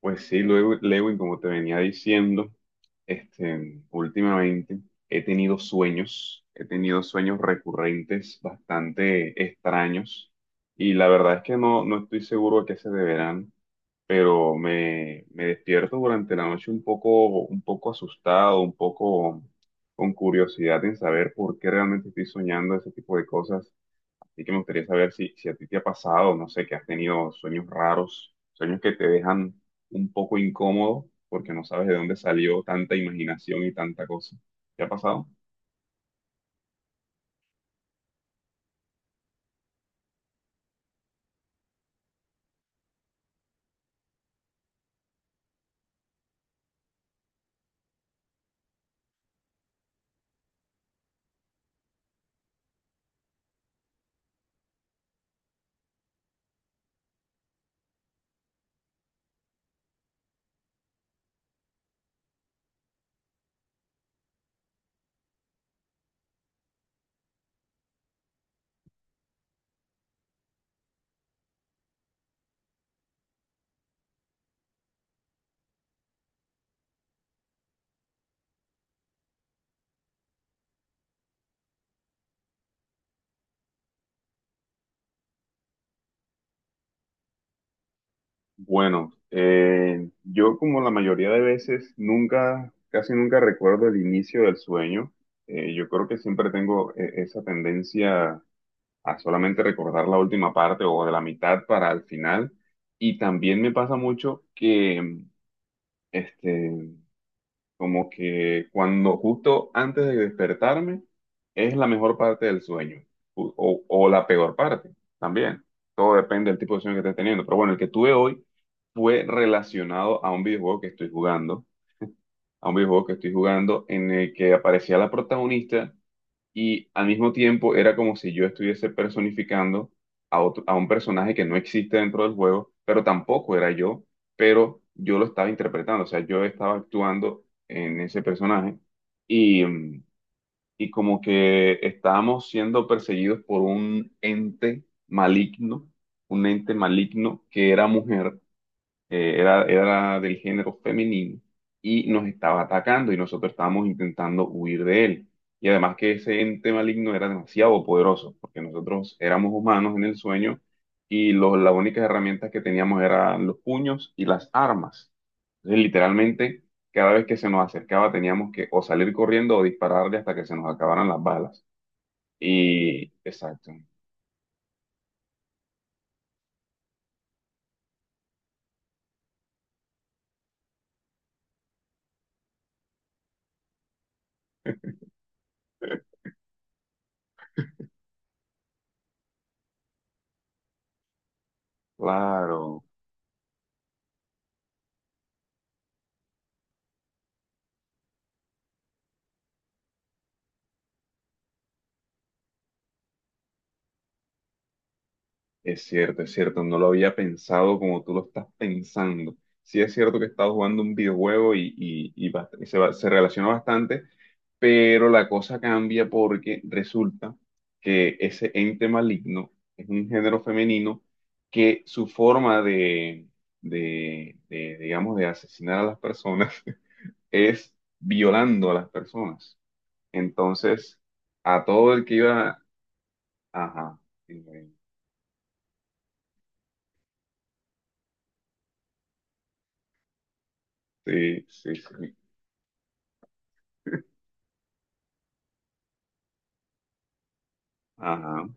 Pues sí, luego, Lewin, como te venía diciendo, últimamente he tenido sueños recurrentes bastante extraños y la verdad es que no estoy seguro a qué se deberán, pero me despierto durante la noche un poco asustado, un poco con curiosidad en saber por qué realmente estoy soñando ese tipo de cosas. Así que me gustaría saber si a ti te ha pasado, no sé, que has tenido sueños raros, sueños que te dejan un poco incómodo porque no sabes de dónde salió tanta imaginación y tanta cosa. ¿Te ha pasado? Bueno, yo como la mayoría de veces nunca, casi nunca recuerdo el inicio del sueño. Yo creo que siempre tengo esa tendencia a solamente recordar la última parte o de la mitad para el final. Y también me pasa mucho que este, como que cuando justo antes de despertarme es la mejor parte del sueño o la peor parte también. Todo depende del tipo de sueño que estés teniendo. Pero bueno, el que tuve hoy fue relacionado a un videojuego que estoy jugando, a un videojuego que estoy jugando en el que aparecía la protagonista y al mismo tiempo era como si yo estuviese personificando a un personaje que no existe dentro del juego, pero tampoco era yo, pero yo lo estaba interpretando, o sea, yo estaba actuando en ese personaje y, y como que estábamos siendo perseguidos por un ente maligno que era mujer, era del género femenino y nos estaba atacando y nosotros estábamos intentando huir de él. Y además que ese ente maligno era demasiado poderoso, porque nosotros éramos humanos en el sueño y las únicas herramientas que teníamos eran los puños y las armas. Entonces, literalmente, cada vez que se nos acercaba teníamos que o salir corriendo o dispararle hasta que se nos acabaran las balas. Y, exacto, claro. Es cierto, no lo había pensado como tú lo estás pensando. Sí es cierto que he estado jugando un videojuego y se relaciona bastante, pero la cosa cambia porque resulta que ese ente maligno es un género femenino que su forma de, digamos, de asesinar a las personas es violando a las personas. Entonces, a todo el que iba... Ajá, sí, sí, sí. Ajá,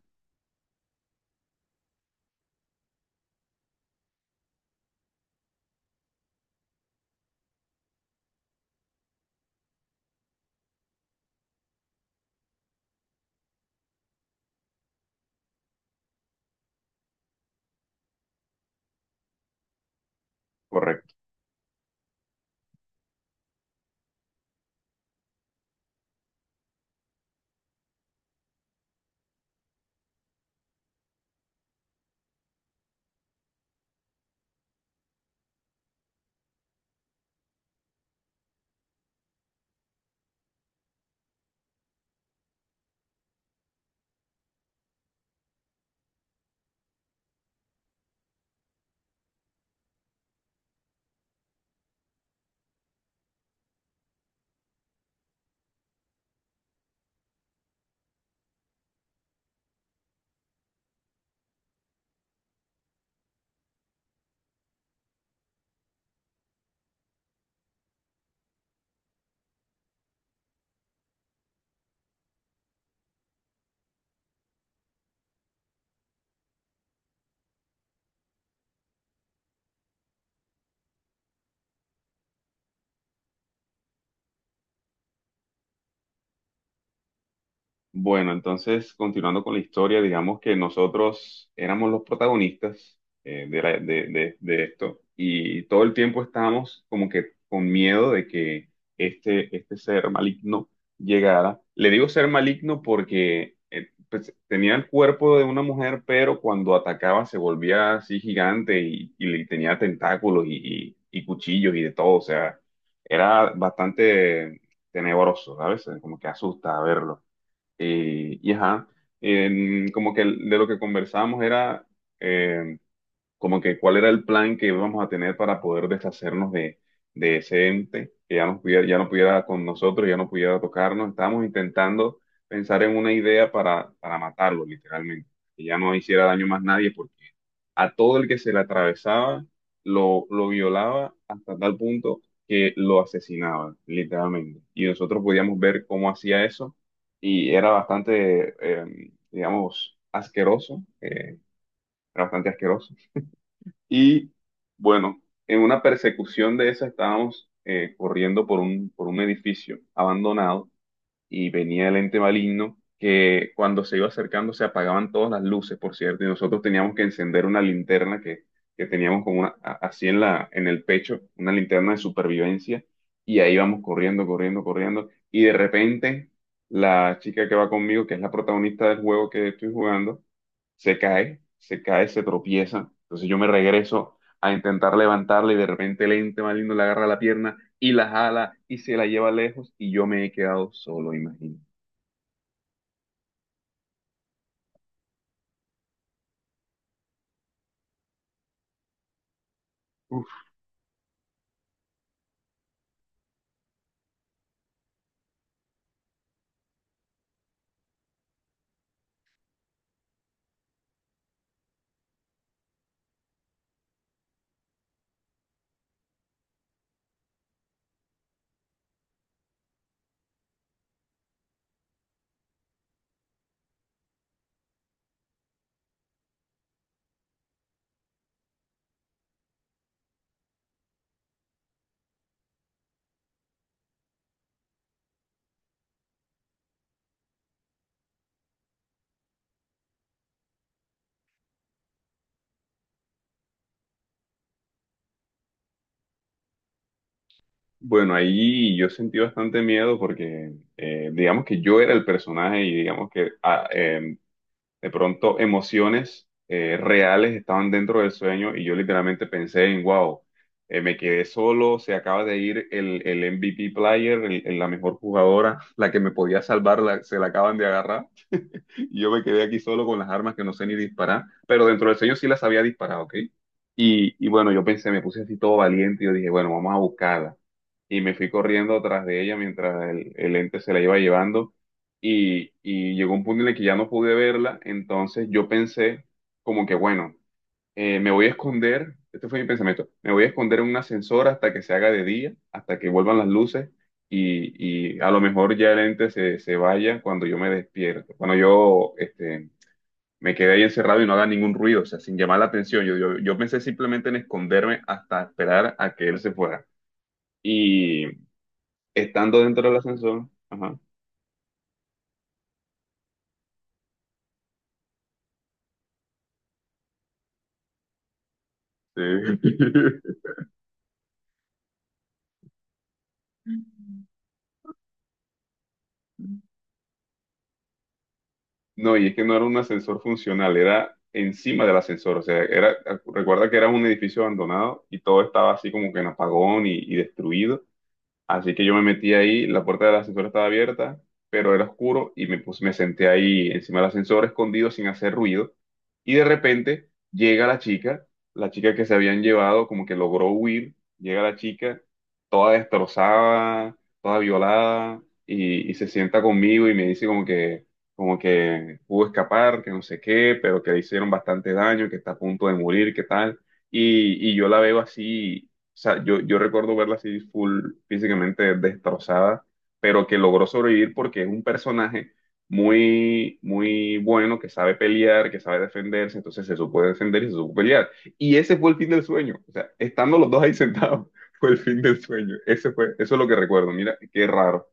correcto. Bueno, entonces, continuando con la historia, digamos que nosotros éramos los protagonistas, de, la- de esto, y todo el tiempo estábamos como que con miedo de que este ser maligno llegara. Le digo ser maligno porque, pues, tenía el cuerpo de una mujer, pero cuando atacaba se volvía así gigante y, tenía tentáculos y, y cuchillos y de todo. O sea, era bastante tenebroso, ¿sabes? Como que asusta verlo. Y ajá, como que de lo que conversamos era, eh, como que cuál era el plan que íbamos a tener para poder deshacernos de ese ente que ya no pudiera con nosotros, ya no pudiera tocarnos. Estábamos intentando pensar en una idea para matarlo, literalmente, que ya no hiciera daño más nadie, porque a todo el que se le atravesaba lo violaba hasta tal punto que lo asesinaba, literalmente. Y nosotros podíamos ver cómo hacía eso y era bastante, digamos, asqueroso, era bastante asqueroso y bueno, en una persecución de esa estábamos corriendo por por un edificio abandonado y venía el ente maligno que cuando se iba acercando se apagaban todas las luces, por cierto, y nosotros teníamos que encender una linterna que teníamos como una, así en en el pecho, una linterna de supervivencia, y ahí vamos corriendo, corriendo, corriendo, y de repente la chica que va conmigo, que es la protagonista del juego que estoy jugando, se cae, se cae, se tropieza. Entonces yo me regreso a intentar levantarla y de repente lente, más lindo, le agarra la pierna y la jala y se la lleva lejos y yo me he quedado solo, imagino. Uf. Bueno, ahí yo sentí bastante miedo porque, digamos que yo era el personaje y digamos que de pronto emociones reales estaban dentro del sueño y yo literalmente pensé en, wow, me quedé solo, se acaba de ir el MVP player, la mejor jugadora, la que me podía salvar, se la acaban de agarrar. Y yo me quedé aquí solo con las armas que no sé ni disparar, pero dentro del sueño sí las había disparado, ¿ok? Y bueno, yo pensé, me puse así todo valiente y yo dije, bueno, vamos a buscarla. Y me fui corriendo atrás de ella mientras el ente se la iba llevando y llegó un punto en el que ya no pude verla, entonces yo pensé como que, bueno, me voy a esconder, este fue mi pensamiento, me voy a esconder en un ascensor hasta que se haga de día, hasta que vuelvan las luces y a lo mejor ya el ente se vaya cuando yo me despierto, cuando yo me quedé ahí encerrado y no haga ningún ruido, o sea, sin llamar la atención. Yo pensé simplemente en esconderme hasta esperar a que él se fuera. Y estando dentro del ascensor, ajá, sí. No, y es que no era un ascensor funcional, era encima del ascensor. O sea, era, recuerda que era un edificio abandonado y todo estaba así como que en apagón y destruido. Así que yo me metí ahí, la puerta del ascensor estaba abierta, pero era oscuro y me, pues, me senté ahí encima del ascensor escondido sin hacer ruido. Y de repente llega la chica que se habían llevado, como que logró huir, llega la chica toda destrozada, toda violada, y se sienta conmigo y me dice como que pudo escapar, que no sé qué, pero que le hicieron bastante daño, que está a punto de morir, que tal. Y yo la veo así, o sea, yo recuerdo verla así full físicamente destrozada, pero que logró sobrevivir porque es un personaje muy, muy bueno, que sabe pelear, que sabe defenderse, entonces se supo defender y se supo pelear. Y ese fue el fin del sueño. O sea, estando los dos ahí sentados, fue el fin del sueño. Ese fue, eso es lo que recuerdo. Mira, qué raro.